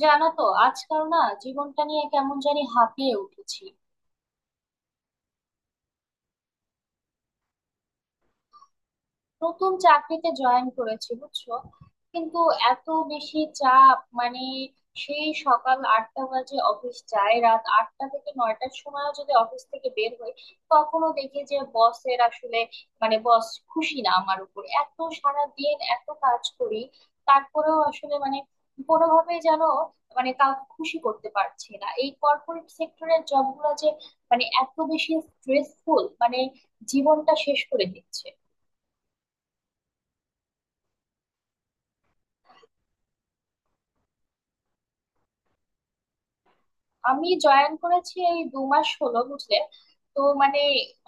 জানো তো, আজকাল না জীবনটা নিয়ে কেমন জানি হাঁপিয়ে উঠেছি। নতুন চাকরিতে জয়েন করেছি, বুঝছো? কিন্তু এত বেশি চাপ, মানে সেই সকাল 8টা বাজে অফিস যায়, রাত 8টা থেকে 9টার সময় যদি অফিস থেকে বের হই, তখনও দেখি যে বসের আসলে মানে বস খুশি না আমার উপর। এত সারা দিন এত কাজ করি, তারপরেও আসলে মানে কোনোভাবেই যেন মানে কাউকে খুশি করতে পারছি না। এই কর্পোরেট সেক্টরের জবগুলো যে মানে এত বেশি স্ট্রেসফুল, মানে জীবনটা শেষ করে দিচ্ছে। আমি জয়েন করেছি এই 2 মাস হলো, বুঝলে। তো মানে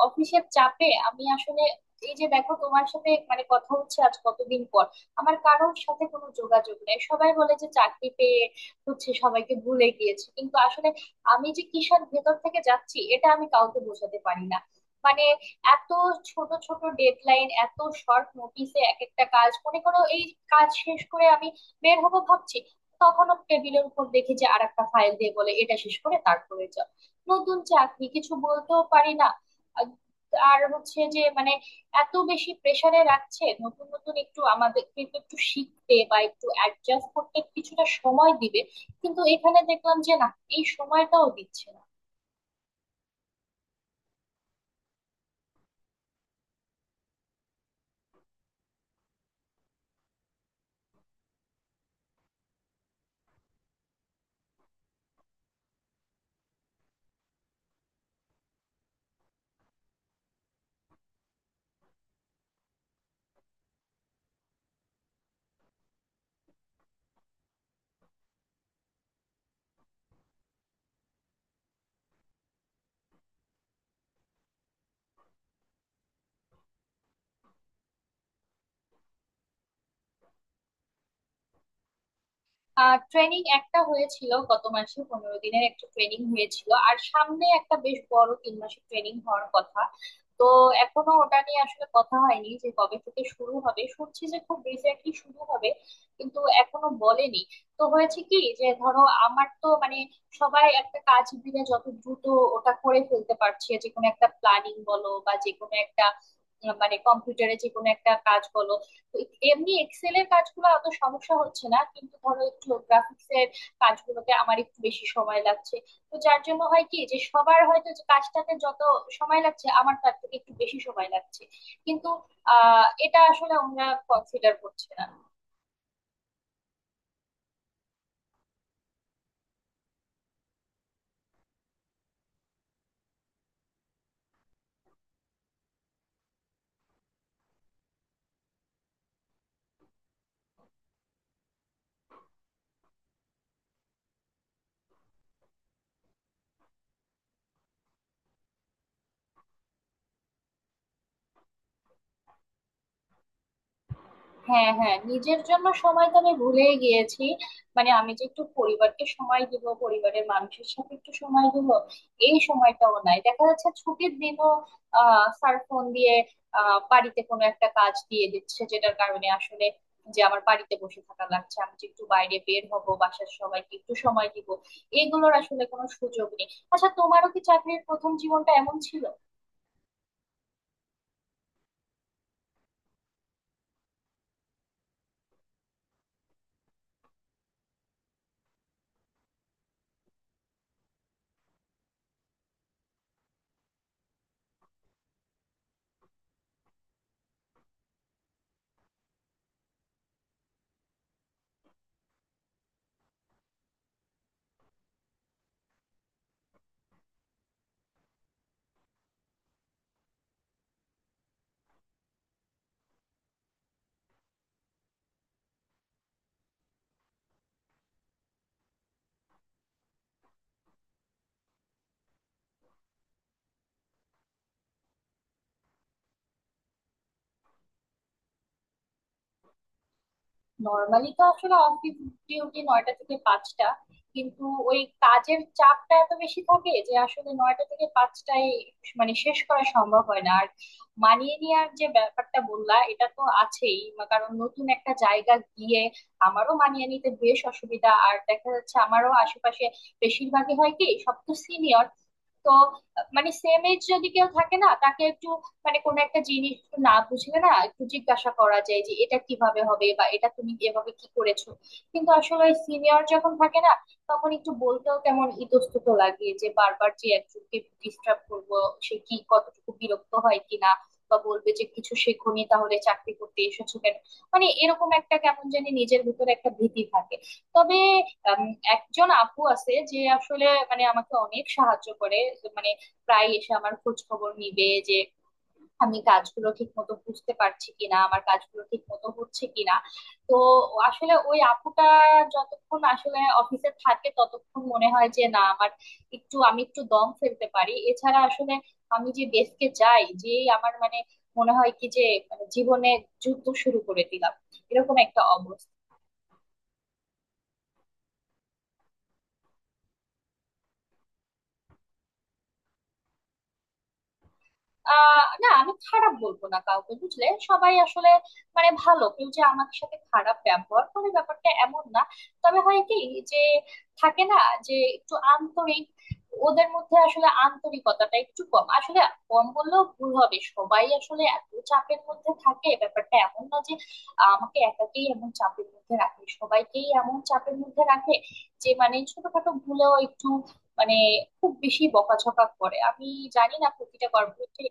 অফিসের চাপে আমি আসলে, এই যে দেখো তোমার সাথে মানে কথা হচ্ছে আজ কতদিন পর। আমার কারোর সাথে কোনো যোগাযোগ নেই। সবাই বলে যে চাকরি পেয়ে হচ্ছে সবাইকে ভুলে গিয়েছে, কিন্তু আসলে আমি যে কিসের ভেতর থেকে যাচ্ছি এটা আমি কাউকে বোঝাতে পারি না। মানে এত ছোট ছোট ডেডলাইন, এত শর্ট নোটিসে এক একটা কাজ। মনে করো এই কাজ শেষ করে আমি বের হবো ভাবছি, তখনও টেবিলের উপর দেখি যে আর একটা ফাইল দিয়ে বলে এটা শেষ করে তারপরে যাও। নতুন চাকরি কিছু বলতেও পারি না। আর আর হচ্ছে যে মানে এত বেশি প্রেসারে রাখছে। নতুন নতুন একটু আমাদের কিন্তু একটু শিখতে বা একটু অ্যাডজাস্ট করতে কিছুটা সময় দিবে, কিন্তু এখানে দেখলাম যে না, এই সময়টাও দিচ্ছে না। ট্রেনিং একটা হয়েছিল গত মাসে, 15 দিনের একটা ট্রেনিং হয়েছিল, আর সামনে একটা বেশ বড় 3 মাসের ট্রেনিং হওয়ার কথা। তো এখনো ওটা নিয়ে আসলে কথা হয়নি যে কবে থেকে শুরু হবে। শুনছি যে খুব রিসেন্টলি শুরু হবে, কিন্তু এখনো বলেনি। তো হয়েছে কি যে ধরো আমার তো মানে সবাই একটা কাজ দিলে যত দ্রুত ওটা করে ফেলতে পারছে, যে কোনো একটা প্ল্যানিং বলো বা যে কোনো একটা মানে কম্পিউটারে যে কোনো একটা কাজ বলো, এমনি এক্সেল এর কাজগুলো অত সমস্যা হচ্ছে না, কিন্তু ধরো একটু গ্রাফিক্স এর কাজগুলোতে আমার একটু বেশি সময় লাগছে। তো যার জন্য হয় কি যে সবার হয়তো যে কাজটাতে যত সময় লাগছে আমার তার থেকে একটু বেশি সময় লাগছে। কিন্তু এটা আসলে আমরা কনসিডার করছি না। হ্যাঁ, হ্যাঁ, নিজের জন্য সময় তো আমি ভুলেই গিয়েছি। মানে আমি যে একটু পরিবারকে সময় দিব, পরিবারের মানুষের সাথে একটু সময় দিব, এই সময়টাও নাই। দেখা যাচ্ছে ছুটির দিনও স্যার ফোন দিয়ে বাড়িতে কোনো একটা কাজ দিয়ে দিচ্ছে, যেটার কারণে আসলে যে আমার বাড়িতে বসে থাকা লাগছে। আমি যে একটু বাইরে বের হব, বাসার সবাইকে একটু সময় দিব, এগুলোর আসলে কোনো সুযোগ নেই। আচ্ছা, তোমারও কি চাকরির প্রথম জীবনটা এমন ছিল? নর্মালি তো আসলে অফিস ডিউটি 9টা থেকে 5টা, কিন্তু ওই কাজের চাপটা এত বেশি থাকে যে আসলে 9টা থেকে 5টায় মানে শেষ করা সম্ভব হয় না। আর মানিয়ে নেওয়ার যে ব্যাপারটা বললা, এটা তো আছেই কারণ নতুন একটা জায়গা গিয়ে আমারও মানিয়ে নিতে বেশ অসুবিধা। আর দেখা যাচ্ছে আমারও আশেপাশে বেশিরভাগই হয় কি সব তো সিনিয়র। তো মানে সেম এজ যদি কেউ থাকে না, তাকে একটু মানে কোনো একটা জিনিস একটু না বুঝলে না একটু জিজ্ঞাসা করা যায় যে এটা কিভাবে হবে বা এটা তুমি এভাবে কি করেছো। কিন্তু আসলে সিনিয়র যখন থাকে না, তখন একটু বলতেও কেমন ইতস্তত লাগে যে বারবার যে একজনকে ডিস্টার্ব করবো, সে কি কতটুকু বিরক্ত হয় কিনা, বা বলবে যে কিছু শেখোনি তাহলে চাকরি করতে এসেছো কেন। মানে এরকম একটা কেমন জানি নিজের ভিতরে একটা ভীতি থাকে। তবে আম, একজন আপু আছে যে আসলে মানে আমাকে অনেক সাহায্য করে। মানে প্রায় এসে আমার খোঁজ খবর নিবে যে আমি কাজগুলো ঠিক মতো বুঝতে পারছি কিনা, আমার কাজগুলো ঠিক মতো হচ্ছে কিনা। তো আসলে ওই আপুটা যতক্ষণ আসলে অফিসে থাকে ততক্ষণ মনে হয় যে না, আমার একটু, আমি একটু দম ফেলতে পারি। এছাড়া আসলে আমি যে ডেস্কে যাই যেই, আমার মানে মনে হয় কি যে মানে জীবনে যুদ্ধ শুরু করে দিলাম, এরকম একটা অবস্থা। না, আমি খারাপ বলবো না কাউকে, বুঝলে, সবাই আসলে মানে ভালো, কেউ যে আমাদের সাথে খারাপ ব্যবহার করে ব্যাপারটা এমন না। তবে হয় কি যে থাকে না যে একটু আন্তরিক, ওদের মধ্যে আসলে আন্তরিকতাটা একটু কম। আসলে কম বললেও ভুল হবে, সবাই আসলে এত চাপের মধ্যে থাকে, ব্যাপারটা এমন না যে আমাকে একাকেই এমন চাপের মধ্যে রাখে, সবাইকেই এমন চাপের মধ্যে রাখে যে মানে ছোটখাটো ভুলেও একটু মানে খুব বেশি বকাঝকা করে। আমি জানি না প্রতিটা কর্মক্ষেত্রে।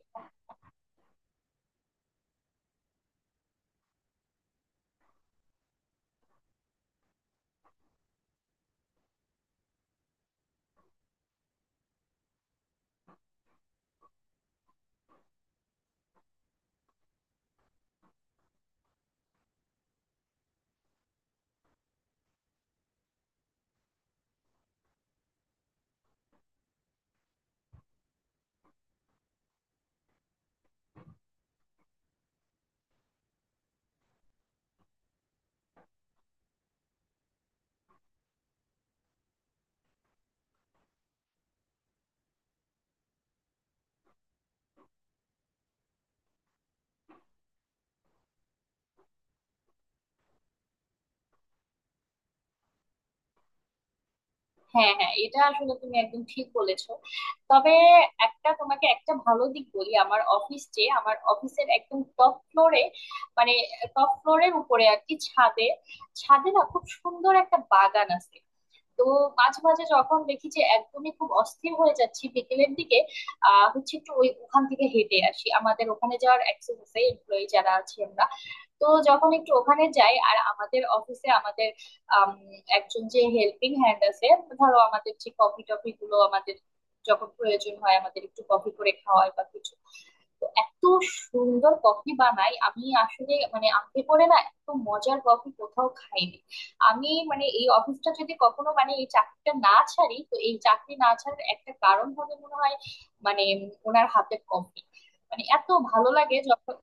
হ্যাঁ, হ্যাঁ, এটা আসলে তুমি একদম ঠিক বলেছো। তবে একটা তোমাকে একটা ভালো দিক বলি, আমার অফিস যে, আমার অফিসের একদম টপ ফ্লোরে, মানে টপ ফ্লোরের উপরে আর কি, ছাদে। ছাদে না খুব সুন্দর একটা বাগান আছে। তো মাঝে মাঝে যখন দেখি যে একদমই খুব অস্থির হয়ে যাচ্ছি বিকেলের দিকে, হচ্ছে একটু ওই ওখান থেকে হেঁটে আসি। আমাদের ওখানে যাওয়ার অ্যাক্সেস আছে, এমপ্লয়ি যারা আছি আমরা। তো যখন একটু ওখানে যাই, আর আমাদের অফিসে আমাদের আম, একজন যে হেল্পিং হ্যান্ড আছে, ধরো আমাদের যে কফি টফি গুলো, আমাদের যখন প্রয়োজন হয় আমাদের একটু কফি করে খাওয়ায় বা কিছু। তো এত সুন্দর কফি বানায়, আমি আসলে মানে আমাকে করে না, এত মজার কফি কোথাও খাইনি আমি। মানে এই অফিসটা যদি কখনো মানে এই চাকরিটা না ছাড়ি, তো এই চাকরি না ছাড়ার একটা কারণ হবে মনে হয় মানে ওনার হাতের কফি, মানে এত ভালো লাগে যখন।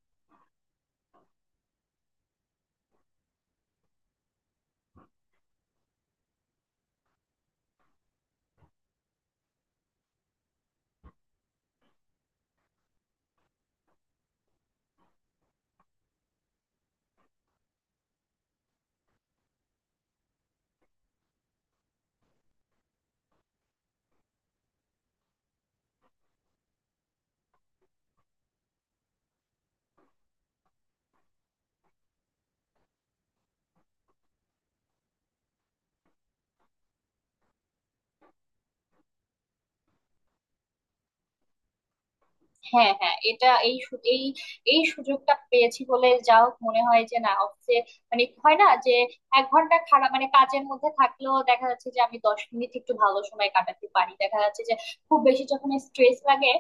হ্যাঁ, হ্যাঁ, এটা এই সু- এই এই সুযোগটা পেয়েছি বলে যাও মনে হয় যে না অফিসে মানে হয় না যে 1 ঘন্টা খারাপ মানে কাজের মধ্যে থাকলেও দেখা যাচ্ছে যে আমি 10 মিনিট একটু ভালো সময় কাটাতে পারি। দেখা যাচ্ছে যে খুব বেশি যখন স্ট্রেস লাগে,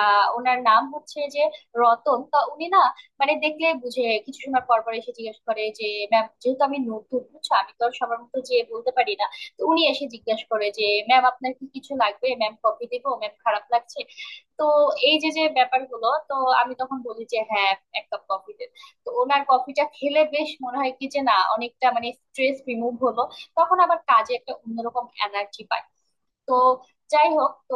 ওনার নাম হচ্ছে যে রতন, তা উনি না মানে দেখলে বুঝে কিছু সময় পর পর এসে জিজ্ঞেস করে যে ম্যাম, যেহেতু আমি নতুন বুঝছো আমি তো আর সবার মতো যেয়ে বলতে পারি না। তো উনি এসে জিজ্ঞেস করে যে ম্যাম আপনার কি কিছু লাগবে, ম্যাম কফি দিব, ম্যাম খারাপ লাগছে। তো এই যে যে ব্যাপারগুলো তো আমি তখন বলি যে হ্যাঁ, এক কাপ কফি দে। তো ওনার কফিটা খেলে বেশ মনে হয় কি যে না অনেকটা মানে স্ট্রেস রিমুভ হলো, তখন আবার কাজে একটা অন্যরকম এনার্জি পাই। তো যাই হোক, তো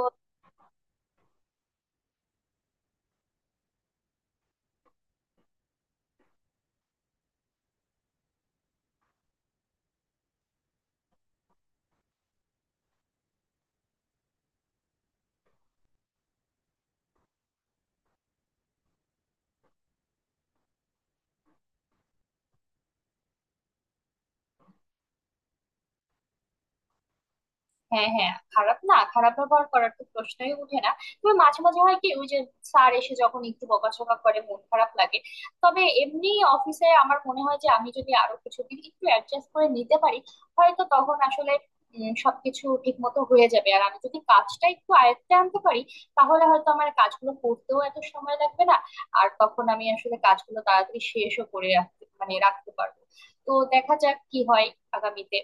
হ্যাঁ, হ্যাঁ, খারাপ না, খারাপ ব্যবহার করার তো প্রশ্নই উঠে না। তবে মাঝে মাঝে হয় কি, ওই যে স্যার এসে যখন একটু বকাঝকা করে, মন খারাপ লাগে। তবে এমনি অফিসে আমার মনে হয় যে আমি যদি আরো কিছুদিন একটু অ্যাডজাস্ট করে নিতে পারি, হয়তো তখন আসলে সবকিছু ঠিক মতো হয়ে যাবে। আর আমি যদি কাজটা একটু আয়ত্তে আনতে পারি, তাহলে হয়তো আমার কাজগুলো করতেও এত সময় লাগবে না। আর তখন আমি আসলে কাজগুলো তাড়াতাড়ি শেষও করে রাখতে মানে রাখতে পারবো। তো দেখা যাক কি হয় আগামীতে।